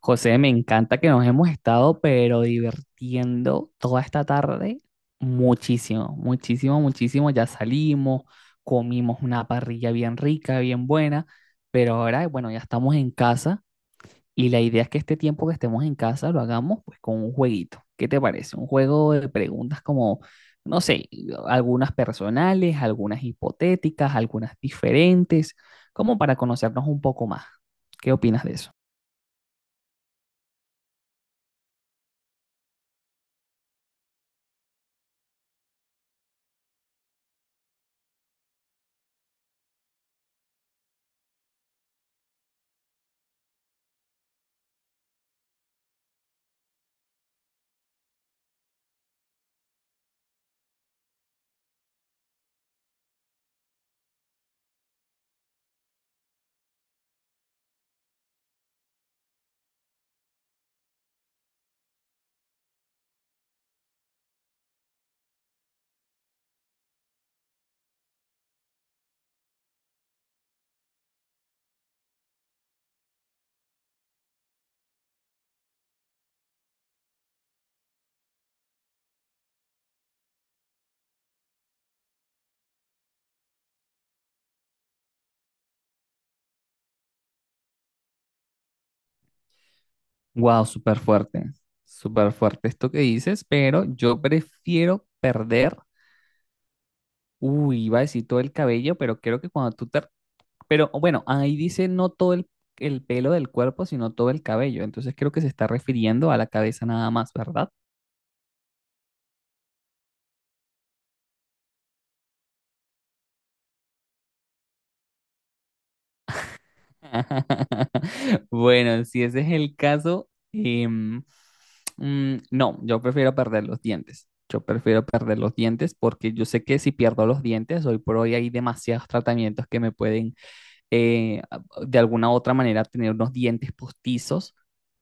José, me encanta que nos hemos estado, pero divirtiendo toda esta tarde muchísimo, muchísimo, muchísimo. Ya salimos, comimos una parrilla bien rica, bien buena, pero ahora, bueno, ya estamos en casa y la idea es que este tiempo que estemos en casa lo hagamos pues con un jueguito. ¿Qué te parece? Un juego de preguntas como, no sé, algunas personales, algunas hipotéticas, algunas diferentes, como para conocernos un poco más. ¿Qué opinas de eso? Wow, súper fuerte esto que dices, pero yo prefiero perder, uy, iba a decir todo el cabello, pero creo que cuando tú te... Pero bueno, ahí dice no todo el pelo del cuerpo, sino todo el cabello, entonces creo que se está refiriendo a la cabeza nada más, ¿verdad? Bueno, si ese es el caso, no, yo prefiero perder los dientes. Yo prefiero perder los dientes porque yo sé que si pierdo los dientes, hoy por hoy hay demasiados tratamientos que me pueden eh, de alguna u otra manera tener unos dientes postizos,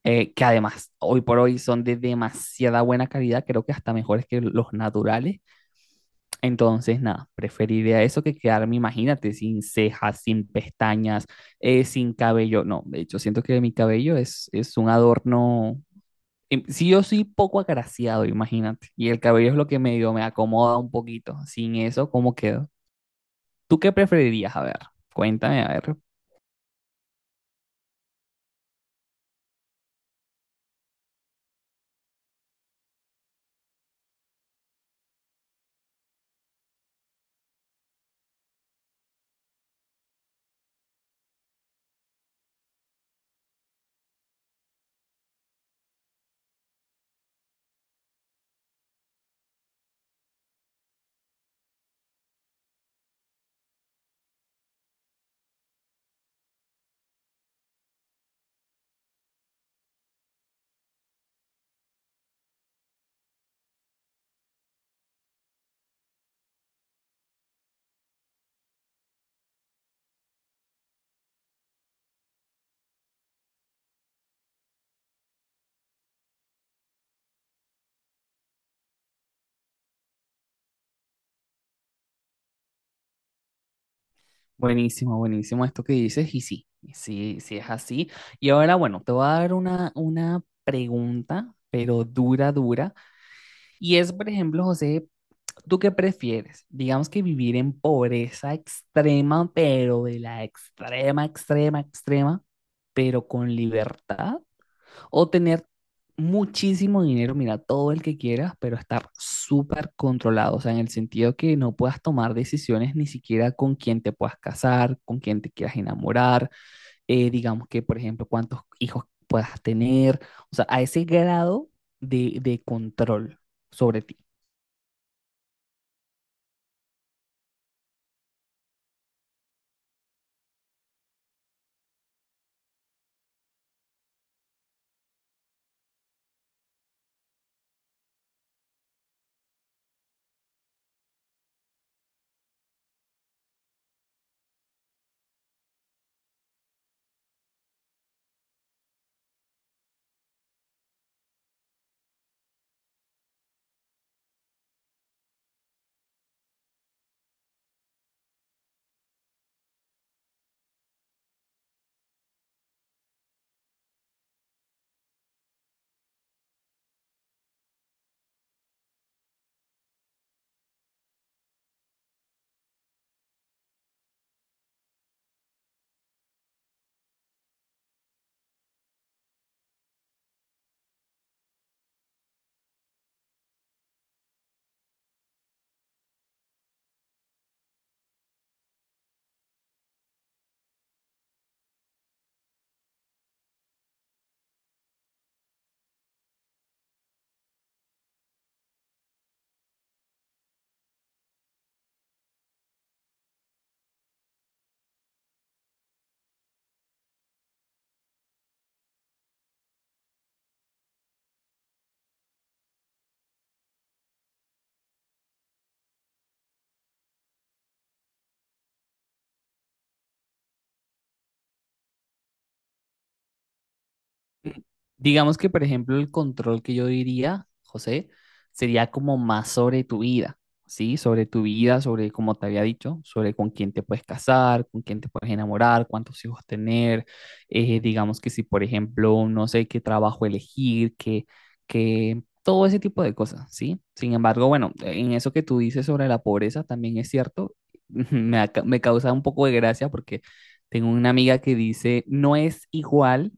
que además hoy por hoy son de demasiada buena calidad, creo que hasta mejores que los naturales. Entonces, nada, preferiría eso que quedarme, imagínate, sin cejas, sin pestañas, sin cabello. No, de hecho, siento que mi cabello es un adorno, sí yo soy poco agraciado, imagínate, y el cabello es lo que medio me acomoda un poquito. Sin eso, ¿cómo quedo? ¿Tú qué preferirías? A ver, cuéntame, a ver. Buenísimo, buenísimo esto que dices, y sí, sí, sí es así. Y ahora, bueno, te voy a dar una pregunta, pero dura, dura, y es, por ejemplo, José, ¿tú qué prefieres? Digamos que vivir en pobreza extrema, pero de la extrema, extrema, extrema, pero con libertad, o tener muchísimo dinero, mira, todo el que quieras, pero estar súper controlado, o sea, en el sentido que no puedas tomar decisiones ni siquiera con quién te puedas casar, con quién te quieras enamorar, digamos que, por ejemplo, cuántos hijos puedas tener, o sea, a ese grado de control sobre ti. Mm, digamos que, por ejemplo, el control que yo diría, José, sería como más sobre tu vida, ¿sí? Sobre tu vida, sobre, como te había dicho, sobre con quién te puedes casar, con quién te puedes enamorar, cuántos hijos tener. Digamos que si, por ejemplo, no sé qué trabajo elegir, que todo ese tipo de cosas, ¿sí? Sin embargo, bueno, en eso que tú dices sobre la pobreza también es cierto. Me, aca- me causa un poco de gracia porque tengo una amiga que dice, no es igual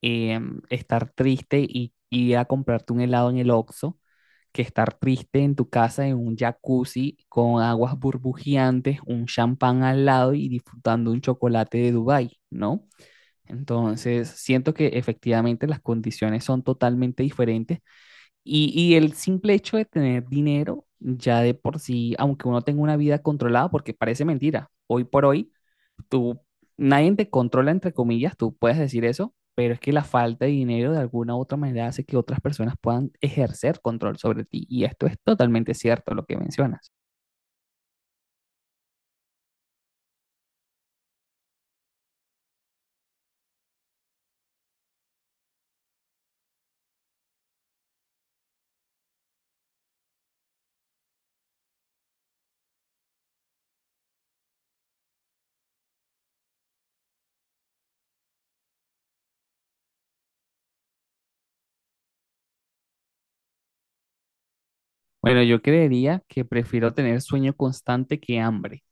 estar triste y ir a comprarte un helado en el Oxxo que estar triste en tu casa en un jacuzzi con aguas burbujeantes, un champán al lado y disfrutando un chocolate de Dubái, ¿no? Entonces, siento que efectivamente las condiciones son totalmente diferentes. Y el simple hecho de tener dinero, ya de por sí, aunque uno tenga una vida controlada, porque parece mentira, hoy por hoy, tú, nadie te controla, entre comillas, tú puedes decir eso, pero es que la falta de dinero de alguna u otra manera hace que otras personas puedan ejercer control sobre ti. Y esto es totalmente cierto, lo que mencionas. Bueno, yo creería que prefiero tener sueño constante que hambre.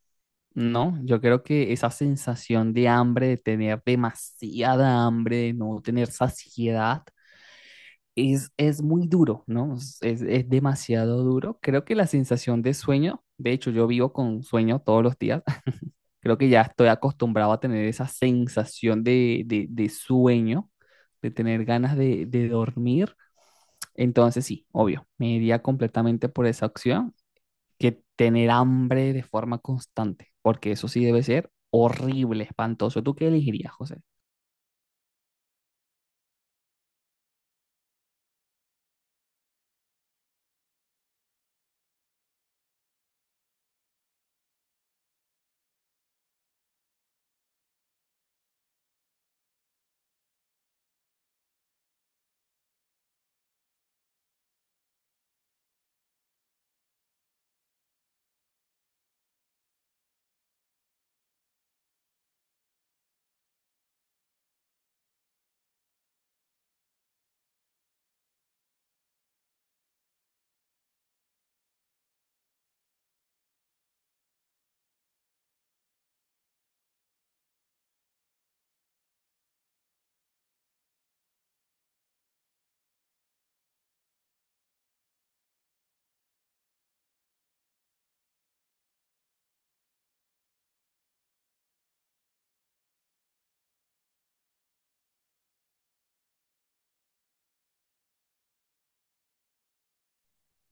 No, yo creo que esa sensación de hambre, de tener demasiada hambre, de no tener saciedad, es muy duro, ¿no? Es, es demasiado duro. Creo que la sensación de sueño, de hecho yo vivo con sueño todos los días, creo que ya estoy acostumbrado a tener esa sensación de, de sueño, de tener ganas de dormir. Entonces sí, obvio, me iría completamente por esa opción que tener hambre de forma constante, porque eso sí debe ser horrible, espantoso. ¿Tú qué elegirías, José?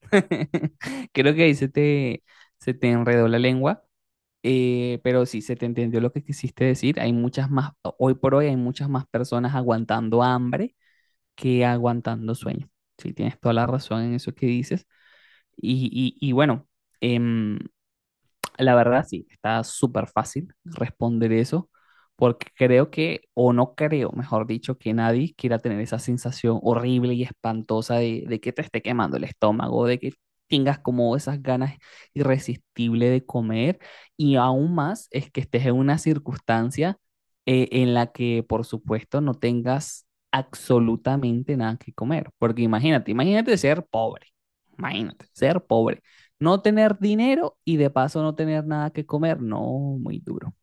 Creo que ahí se te enredó la lengua. Pero sí, se te entendió lo que quisiste decir. Hay muchas más, hoy por hoy hay muchas más personas aguantando hambre que aguantando sueño. Sí, tienes toda la razón en eso que dices. Y, y bueno, em, la verdad, sí, está súper fácil responder eso, porque creo que, o no creo, mejor dicho, que nadie quiera tener esa sensación horrible y espantosa de que te esté quemando el estómago, de que tengas como esas ganas irresistibles de comer, y aún más es que estés en una circunstancia en la que, por supuesto, no tengas absolutamente nada que comer, porque imagínate, imagínate ser pobre no tener dinero y de paso no tener nada que comer, no, muy duro.